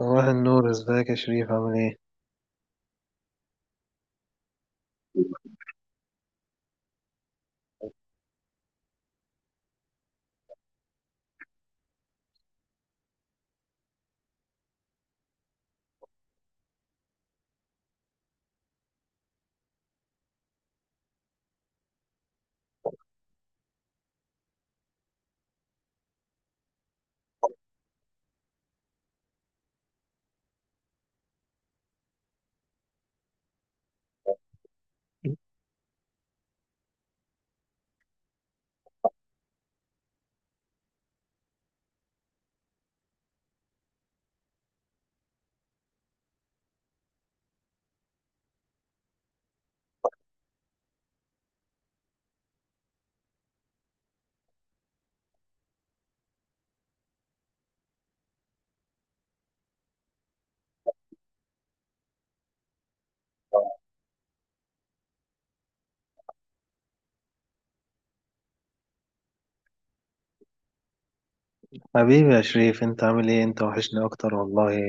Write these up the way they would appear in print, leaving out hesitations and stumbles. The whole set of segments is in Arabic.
صباح النور، ازيك يا شريف؟ عامل ايه؟ حبيبي يا شريف، انت عامل ايه؟ انت وحشني اكتر والله.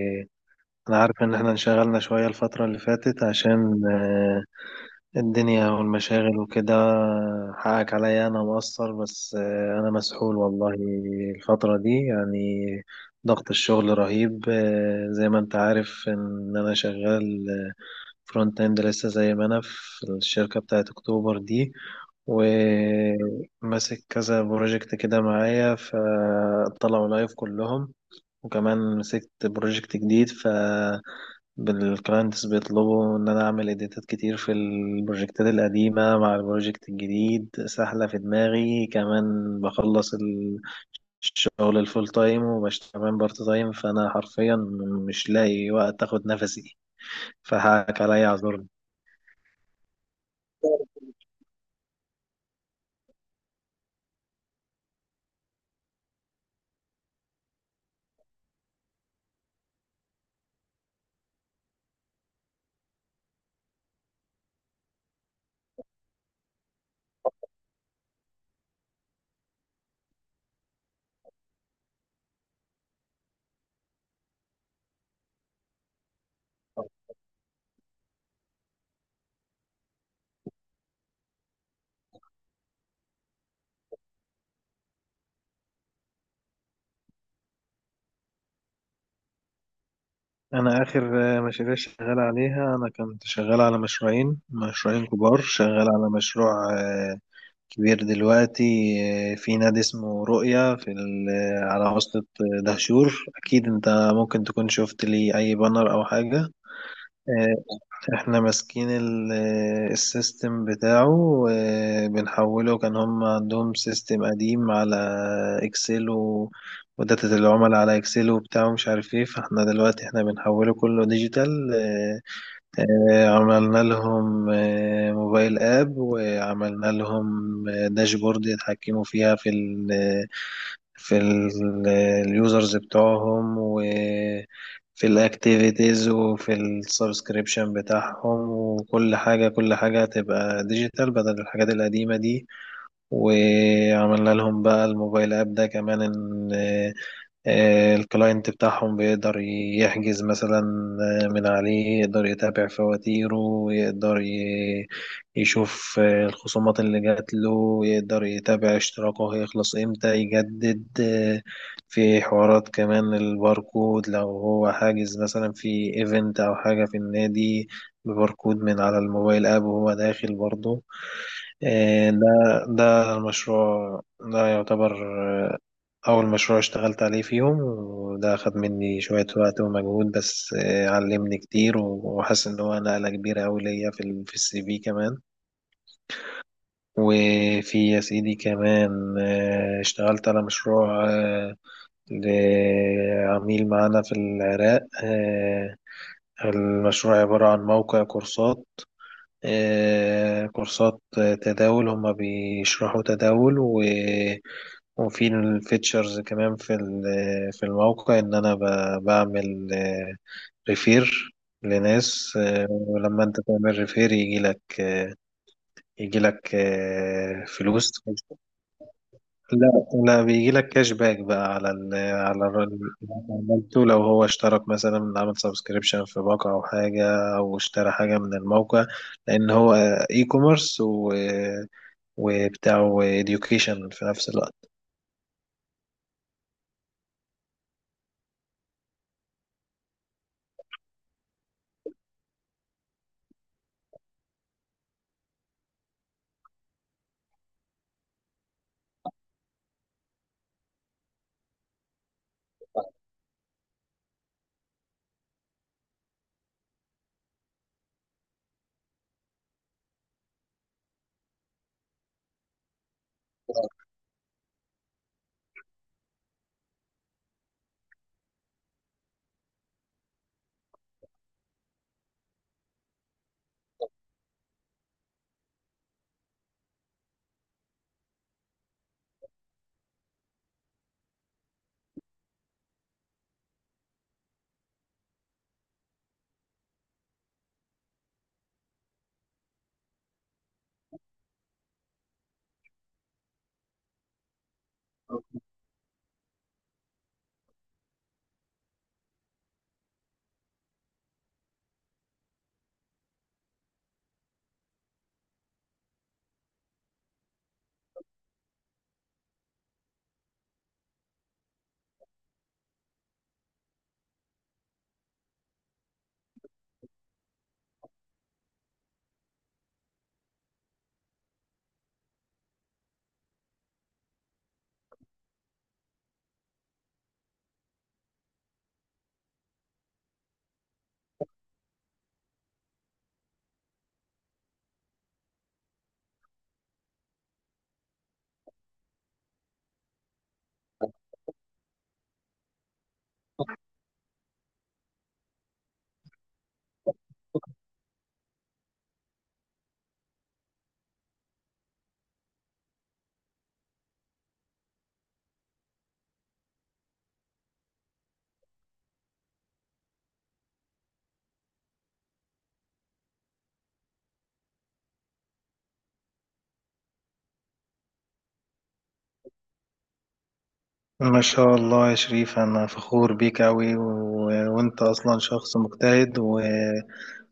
انا عارف ان احنا انشغلنا شوية الفترة اللي فاتت عشان الدنيا والمشاغل وكده. حقك عليا، انا مقصر، بس انا مسحول والله الفترة دي، يعني ضغط الشغل رهيب. زي ما انت عارف ان انا شغال فرونت اند لسه، زي ما انا في الشركة بتاعت اكتوبر دي، وماسك كذا بروجكت كده معايا فطلعوا لايف كلهم، وكمان مسكت بروجكت جديد، ف بالكلاينتس بيطلبوا ان انا اعمل اديتات كتير في البروجكتات القديمه مع البروجكت الجديد، سحله في دماغي كمان. بخلص ال- الشغل الفول تايم وبشتغل كمان بارت تايم، فانا حرفيا مش لاقي وقت اخد نفسي، فحقك عليا اعذرني. انا اخر مشاريع شغال عليها، انا كنت شغال على مشروعين كبار، شغال على مشروع آه، كبير دلوقتي. في نادي اسمه رؤية في على وسط دهشور. اكيد انت ممكن تكون شفت لي اي بانر او حاجة. آه، احنا ماسكين السيستم بتاعه وبنحوله. كان هم عندهم سيستم قديم على اكسل وداتا العملاء على اكسل وبتاع ومش عارف ايه، فاحنا دلوقتي بنحوله كله ديجيتال. عملنا لهم موبايل اب، وعملنا لهم داشبورد يتحكموا فيها في اليوزرز بتوعهم، وفي الاكتيفيتيز، وفي السبسكريبشن بتاعهم، وكل حاجة، كل حاجة هتبقى ديجيتال بدل الحاجات القديمة دي. وعملنا لهم بقى الموبايل اب ده كمان ان الكلاينت بتاعهم بيقدر يحجز مثلا من عليه، يقدر يتابع فواتيره، يقدر ي- يشوف الخصومات اللي جات له، يقدر يتابع اشتراكه هيخلص امتى يجدد. في حوارات كمان، الباركود لو هو حاجز مثلا في ايفنت او حاجة في النادي بباركود من على الموبايل اب وهو داخل برضه. إيه، ده ده المشروع ده يعتبر آه، أول مشروع اشتغلت عليه فيهم، وده أخد مني شوية وقت ومجهود، بس علمني كتير، وحاسس إن هو نقلة كبيرة أوي ليا في السي في كمان. وفي يا سيدي كمان اشتغلت على مشروع لعميل معانا في العراق. المشروع عبارة عن موقع كورسات، كورسات تداول، هما بيشرحوا تداول وفي الفيتشرز كمان في الموقع ان انا بعمل ريفير لناس. ولما انت تعمل ريفير يجي لك، يجي لك فلوس. لا لا، بيجي لك كاش باك بقى على اللي عملته، لو هو اشترك مثلا، عمل سبسكريبشن في باقة او حاجة، او اشترى حاجة من الموقع، لان هو اي كوميرس و وبتاع education في نفس الوقت. ما شاء الله يا شريف، أنا فخور بيك أوي وأنت أصلا شخص مجتهد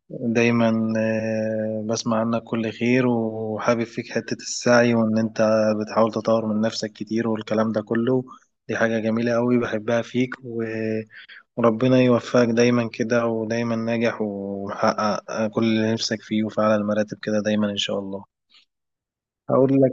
دايما بسمع عنك كل خير، وحابب فيك حتة السعي وإن أنت بتحاول تطور من نفسك كتير والكلام ده كله. دي حاجة جميلة أوي بحبها فيك وربنا يوفقك دايما كده، ودايما ناجح ومحقق كل اللي نفسك فيه، وفي أعلى المراتب كده دايما إن شاء الله. هقول لك.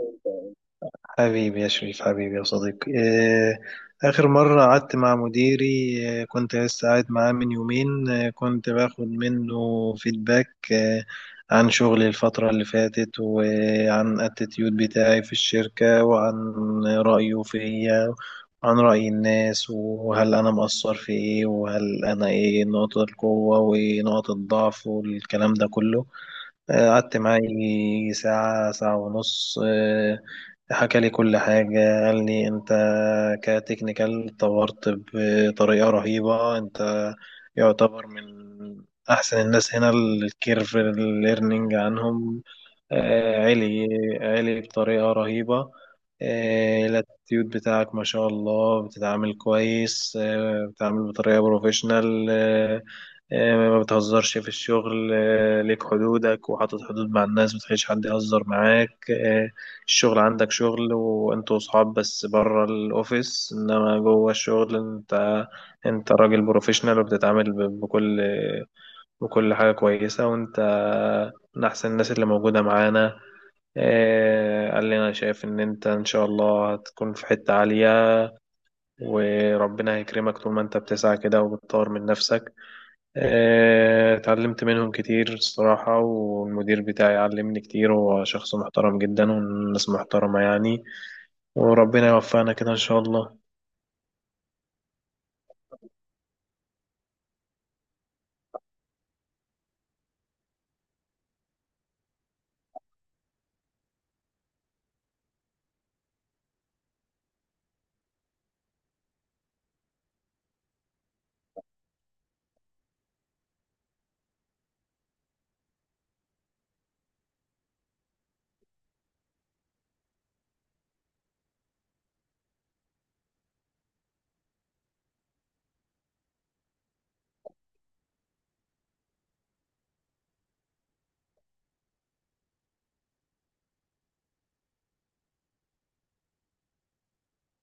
حبيبي يا شريف، حبيبي يا صديقي، آخر مرة قعدت مع مديري كنت لسه قاعد معاه من يومين، كنت باخد منه فيدباك عن شغلي الفترة اللي فاتت، وعن الاتيتيود بتاعي في الشركة، وعن رأيه فيا، وعن رأي الناس، وهل أنا مقصر في إيه، وهل أنا إيه نقطة القوة ونقطة الضعف، والكلام ده كله. قعدت معاه يجي ساعة، ساعة ونص. حكى لي كل حاجة. قال لي أنت كتكنيكال اتطورت بطريقة رهيبة، أنت يعتبر من أحسن الناس هنا، الكيرف الليرنينج عنهم عالي، بطريقة رهيبة. الاتيود بتاعك ما شاء الله، بتتعامل كويس، بتتعامل بطريقة بروفيشنال، ما بتهزرش في الشغل، ليك حدودك وحاطط حدود مع الناس، ما تخليش حد يهزر معاك. الشغل عندك شغل، وانتوا صحاب بس بره الاوفيس، انما جوه الشغل انت، راجل بروفيشنال، وبتتعامل بكل، حاجة كويسة، وانت من احسن الناس اللي موجودة معانا. قال لي انا شايف ان انت ان شاء الله هتكون في حتة عالية، وربنا هيكرمك طول ما انت بتسعى كده وبتطور من نفسك. اتعلمت منهم كتير الصراحة، والمدير بتاعي علمني كتير، هو شخص محترم جدا، والناس محترمة يعني. وربنا يوفقنا كده إن شاء الله.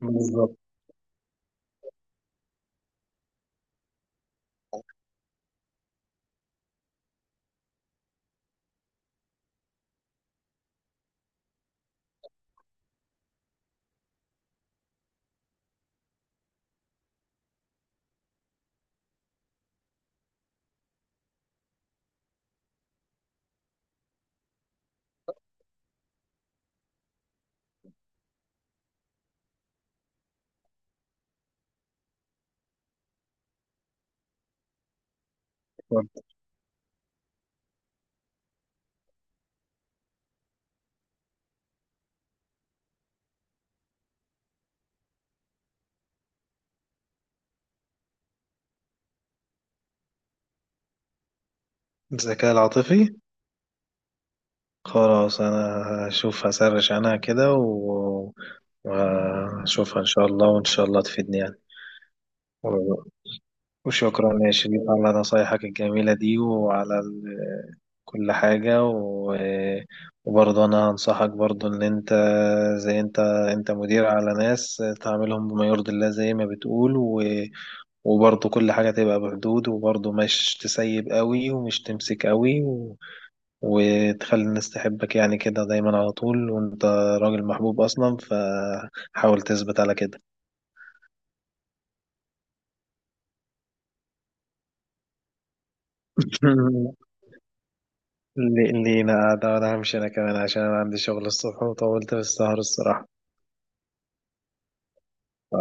بالظبط. الذكاء العاطفي. خلاص أنا هشوف، عنها كده وهشوفها إن شاء الله، وإن شاء الله تفيدني يعني. و- وشكرا يا شريف على نصايحك الجميلة دي وعلى كل حاجة وبرضه أنا هنصحك برضه إن أنت أنت مدير على ناس، تعاملهم بما يرضي الله زي ما بتقول، وبرضه كل حاجة تبقى بحدود، وبرضه مش تسيب قوي ومش تمسك قوي، وتخلي الناس تحبك يعني كده دايما على طول، وأنت راجل محبوب أصلا فحاول تثبت على كده. لينا قاعدة، وأنا همشي أنا كمان عشان أنا عندي شغل الصبح، وطولت في السهر الصراحة.